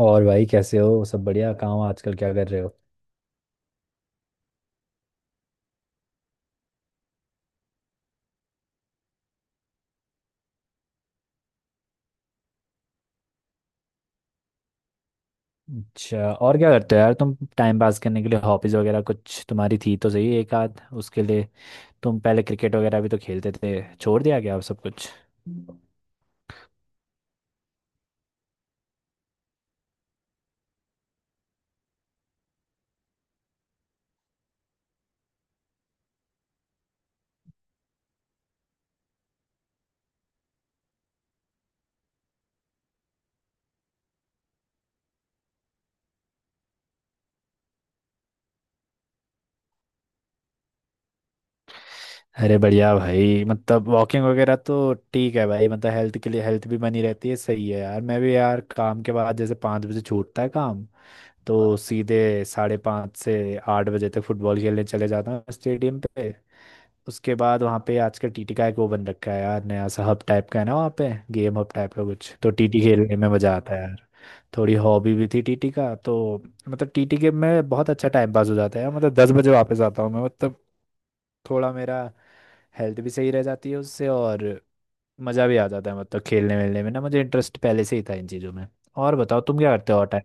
और भाई कैसे हो? सब बढ़िया? कहाँ हो आजकल? क्या कर रहे हो? अच्छा, और क्या करते हो यार तुम टाइम पास करने के लिए? हॉबीज वगैरह कुछ तुम्हारी थी तो सही, एक आध उसके लिए। तुम पहले क्रिकेट वगैरह भी तो खेलते थे, छोड़ दिया क्या अब सब कुछ? अरे बढ़िया भाई, मतलब वॉकिंग वगैरह तो ठीक है भाई, मतलब हेल्थ के लिए, हेल्थ भी बनी रहती है। सही है यार, मैं भी यार काम के बाद जैसे 5 बजे छूटता है काम, तो सीधे 5:30 से 8 बजे तक फुटबॉल खेलने चले जाता हूँ स्टेडियम पे। उसके बाद वहाँ पे आजकल टीटी का एक वो बन रखा है यार, नया सा हब टाइप का है ना, वहाँ पे गेम हब टाइप का कुछ, तो टीटी खेलने में मजा आता है यार। थोड़ी हॉबी भी थी टीटी का तो। मतलब टीटी गेम में बहुत अच्छा टाइम पास हो जाता है यार, मतलब 10 बजे वापस आता हूँ मैं। मतलब थोड़ा मेरा हेल्थ भी सही रह जाती है उससे, और मज़ा भी आ जाता है, मतलब खेलने वेलने में ना मुझे इंटरेस्ट पहले से ही था इन चीज़ों में। और बताओ तुम क्या करते हो और टाइम?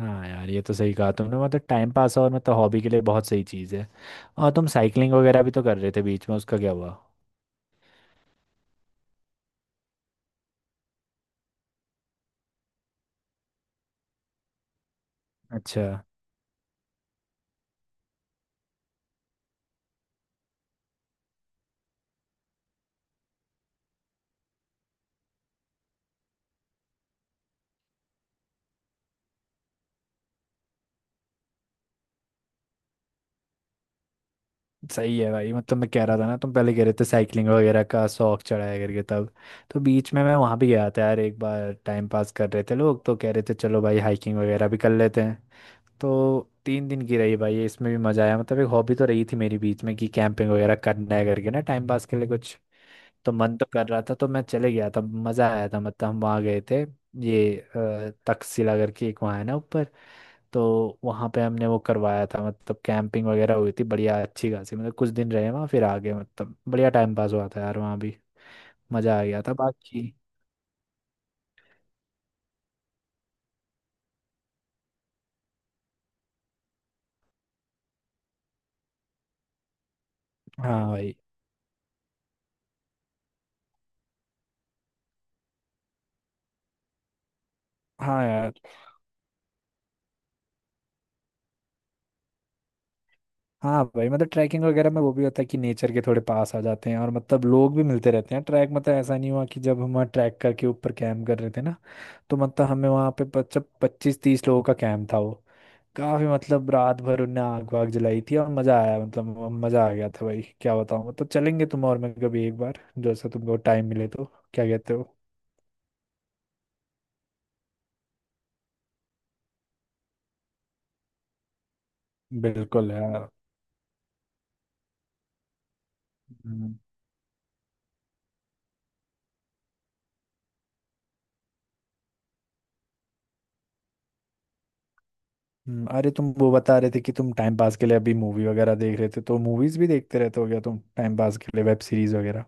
हाँ यार, ये तो सही कहा तुमने, मतलब टाइम पास और मतलब हॉबी के लिए बहुत सही चीज़ है। और तुम साइकिलिंग वगैरह भी तो कर रहे थे बीच में, उसका क्या हुआ? अच्छा। सही है भाई, मतलब मैं कह रहा था ना, तुम पहले कह रहे थे साइकिलिंग वगैरह का शौक चढ़ाया करके तब। तो बीच में मैं वहाँ भी गया था यार एक बार, टाइम पास कर रहे थे लोग तो कह रहे थे चलो भाई हाइकिंग वगैरह भी कर लेते हैं। तो 3 दिन की रही भाई, इसमें भी मज़ा आया। मतलब एक हॉबी तो रही थी मेरी बीच में कि कैंपिंग वगैरह करना है करके ना, टाइम पास के लिए कुछ। तो मन तो कर रहा था, तो मैं चले गया था, मज़ा आया था। मतलब हम वहाँ गए थे, ये तक्षशिला करके एक वहाँ है ना ऊपर। तो वहाँ पे हमने वो करवाया था, मतलब कैंपिंग वगैरह हुई थी बढ़िया अच्छी खासी, मतलब कुछ दिन रहे वहाँ फिर आ गए। मतलब बढ़िया टाइम पास हुआ था यार वहाँ भी, मज़ा आ गया था बाकी। हाँ भाई। हाँ यार। हाँ भाई, मतलब ट्रैकिंग वगैरह में वो भी होता है कि नेचर के थोड़े पास आ जाते हैं, और मतलब लोग भी मिलते रहते हैं ट्रैक। मतलब ऐसा नहीं हुआ कि जब हम वहाँ ट्रैक करके ऊपर कैंप कर रहे थे ना, तो मतलब हमें वहाँ पे 25 25 30 लोगों का कैंप था वो काफी। मतलब रात भर उनने आग वाग जलाई थी और मजा आया, मतलब मजा आ गया था भाई, क्या बताऊं। मतलब चलेंगे तुम और मैं कभी एक बार, जैसा तुमको टाइम मिले तो। क्या कहते हो? बिल्कुल यार। हम्म, अरे तुम वो बता रहे थे कि तुम टाइम पास के लिए अभी मूवी वगैरह देख रहे थे, तो मूवीज भी देखते रहते हो क्या तुम टाइम पास के लिए, वेब सीरीज वगैरह?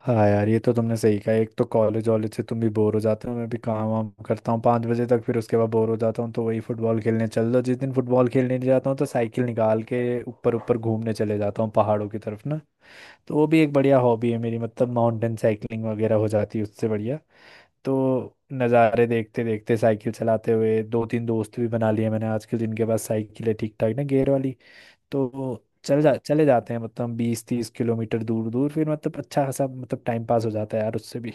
हाँ यार, ये तो तुमने सही कहा। एक तो कॉलेज वॉलेज से तुम भी बोर हो जाते हो, मैं भी काम वाम करता हूँ 5 बजे तक, फिर उसके बाद बोर हो जाता हूँ, तो वही फुटबॉल खेलने चल दो। जिस दिन फुटबॉल खेलने नहीं जाता हूँ, तो साइकिल निकाल के ऊपर ऊपर घूमने चले जाता हूँ पहाड़ों की तरफ ना। तो वो भी एक बढ़िया हॉबी है मेरी, मतलब माउंटेन साइकिलिंग वगैरह हो जाती है उससे बढ़िया। तो नज़ारे देखते देखते साइकिल चलाते हुए दो तीन दोस्त भी बना लिए मैंने आजकल, जिनके पास साइकिल है ठीक ठाक ना, गेयर वाली। तो चल जा चले जाते हैं, मतलब 20-30 किलोमीटर दूर दूर, फिर मतलब अच्छा खासा, मतलब टाइम पास हो जाता है यार उससे भी।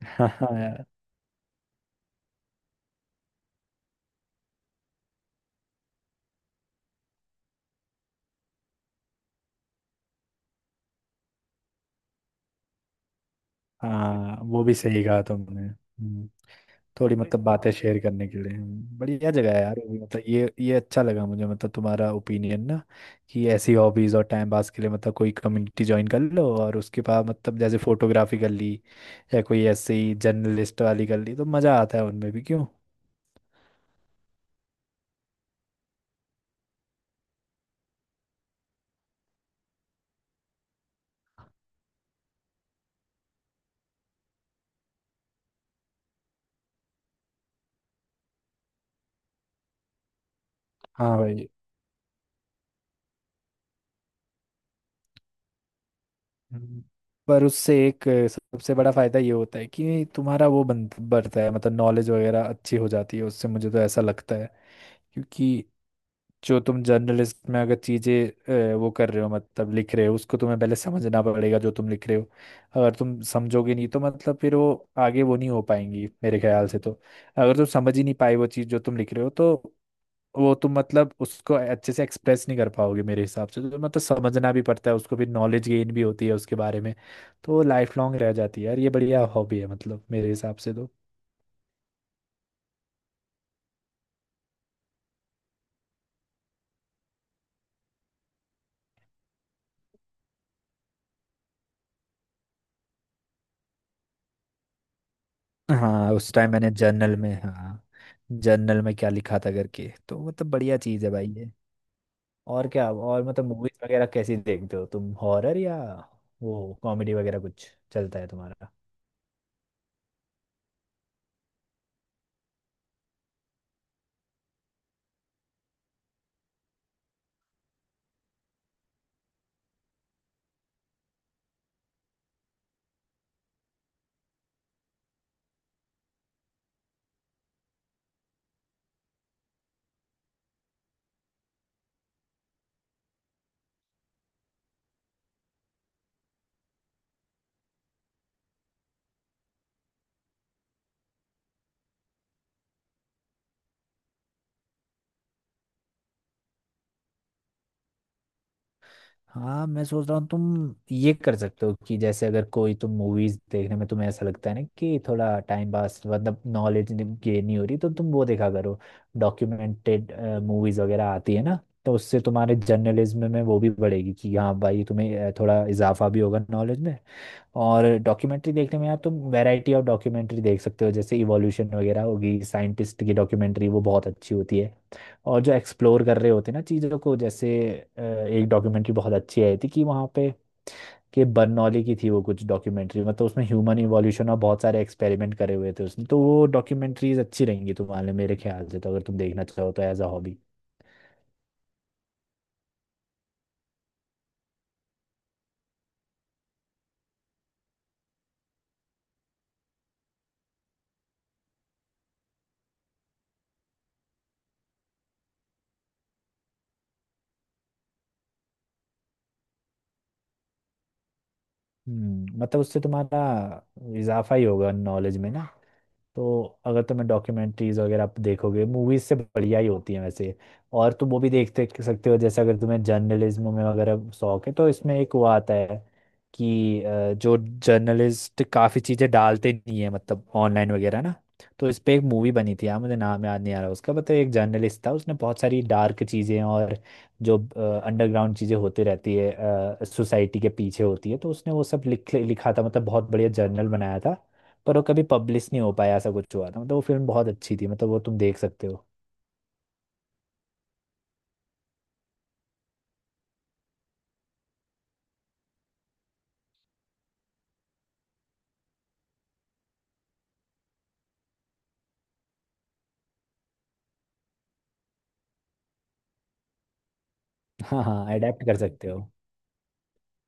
हाँ हाँ यार। हाँ, वो भी सही कहा तुमने। थोड़ी मतलब बातें शेयर करने के लिए बढ़िया जगह है यार वो भी। मतलब ये अच्छा लगा मुझे, मतलब तुम्हारा ओपिनियन ना, कि ऐसी हॉबीज और टाइम पास के लिए मतलब कोई कम्युनिटी ज्वाइन कर लो, और उसके बाद मतलब जैसे फोटोग्राफी कर ली, या कोई ऐसे ही जर्नलिस्ट वाली कर ली, तो मज़ा आता है उनमें भी, क्यों? हाँ भाई। हम्म। पर उससे एक सबसे बड़ा फायदा ये होता है कि तुम्हारा वो बढ़ता है, मतलब नॉलेज वगैरह अच्छी हो जाती है उससे, मुझे तो ऐसा लगता है। क्योंकि जो तुम जर्नलिस्ट में अगर चीज़ें वो कर रहे हो मतलब लिख रहे हो, उसको तुम्हें पहले समझना पड़ेगा जो तुम लिख रहे हो। अगर तुम समझोगे नहीं, तो मतलब फिर वो आगे वो नहीं हो पाएंगी मेरे ख्याल से तो। अगर तुम समझ ही नहीं पाए वो चीज़ जो तुम लिख रहे हो, तो वो तुम मतलब उसको अच्छे से एक्सप्रेस नहीं कर पाओगे मेरे हिसाब से तो। मतलब समझना भी पड़ता है उसको, फिर नॉलेज गेन भी होती है उसके बारे में। तो लाइफ लॉन्ग रह जाती है यार, ये बढ़िया हॉबी है मतलब मेरे हिसाब से तो। हाँ, उस टाइम मैंने जर्नल में, हाँ, जर्नल में क्या लिखा था करके। तो मतलब बढ़िया चीज़ है भाई ये। और क्या, और मतलब मूवीज वगैरह कैसी देखते हो तुम, हॉरर या वो कॉमेडी वगैरह कुछ चलता है तुम्हारा? हाँ, मैं सोच रहा हूँ तुम ये कर सकते हो कि जैसे अगर कोई तुम मूवीज देखने में तुम्हें ऐसा लगता है ना कि थोड़ा टाइम पास, मतलब नॉलेज गेन नहीं हो रही, तो तुम वो देखा करो, डॉक्यूमेंटेड मूवीज वगैरह आती है ना। तो उससे तुम्हारे जर्नलिज्म में वो भी बढ़ेगी, कि हाँ भाई तुम्हें थोड़ा इजाफा भी होगा नॉलेज में। और डॉक्यूमेंट्री देखने में आप तुम वैरायटी ऑफ डॉक्यूमेंट्री देख सकते हो, जैसे इवोल्यूशन वगैरह होगी, साइंटिस्ट की डॉक्यूमेंट्री, वो बहुत अच्छी होती है। और जो एक्सप्लोर कर रहे होते हैं ना चीज़ों को, जैसे एक डॉक्यूमेंट्री बहुत अच्छी आई थी कि वहाँ पे, कि बर्नौली की थी वो कुछ डॉक्यूमेंट्री, मतलब उसमें ह्यूमन इवोल्यूशन और बहुत सारे एक्सपेरिमेंट करे हुए थे उसने। तो वो डॉक्यूमेंट्रीज अच्छी रहेंगी तुम्हारे लिए मेरे ख्याल से तो, अगर तुम देखना चाहो तो, एज अ हॉबी। मतलब उससे तुम्हारा इजाफा ही होगा नॉलेज में ना। तो अगर तुम्हें डॉक्यूमेंट्रीज वगैरह आप देखोगे, मूवीज से बढ़िया ही होती है वैसे। और तुम वो भी देख देख सकते हो, जैसे अगर तुम्हें जर्नलिज्म में वगैरह शौक है, तो इसमें एक वो आता है कि जो जर्नलिस्ट काफ़ी चीज़ें डालते नहीं है मतलब ऑनलाइन वगैरह ना। तो इस पे एक मूवी बनी थी यार, मुझे नाम याद नहीं आ रहा उसका, बट एक जर्नलिस्ट था, उसने बहुत सारी डार्क चीज़ें और जो अंडरग्राउंड चीज़ें होती रहती है सोसाइटी के पीछे होती है, तो उसने वो सब लिखा था, मतलब बहुत बढ़िया जर्नल बनाया था। पर वो कभी पब्लिश नहीं हो पाया, ऐसा कुछ हुआ था। मतलब वो फिल्म बहुत अच्छी थी, मतलब वो तुम देख सकते हो। हाँ हाँ, अडेप्ट कर सकते हो।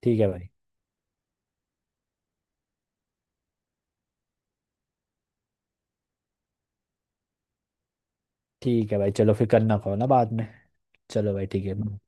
ठीक है भाई। ठीक है भाई, चलो फिर करना कॉल ना बाद में। चलो भाई, ठीक है।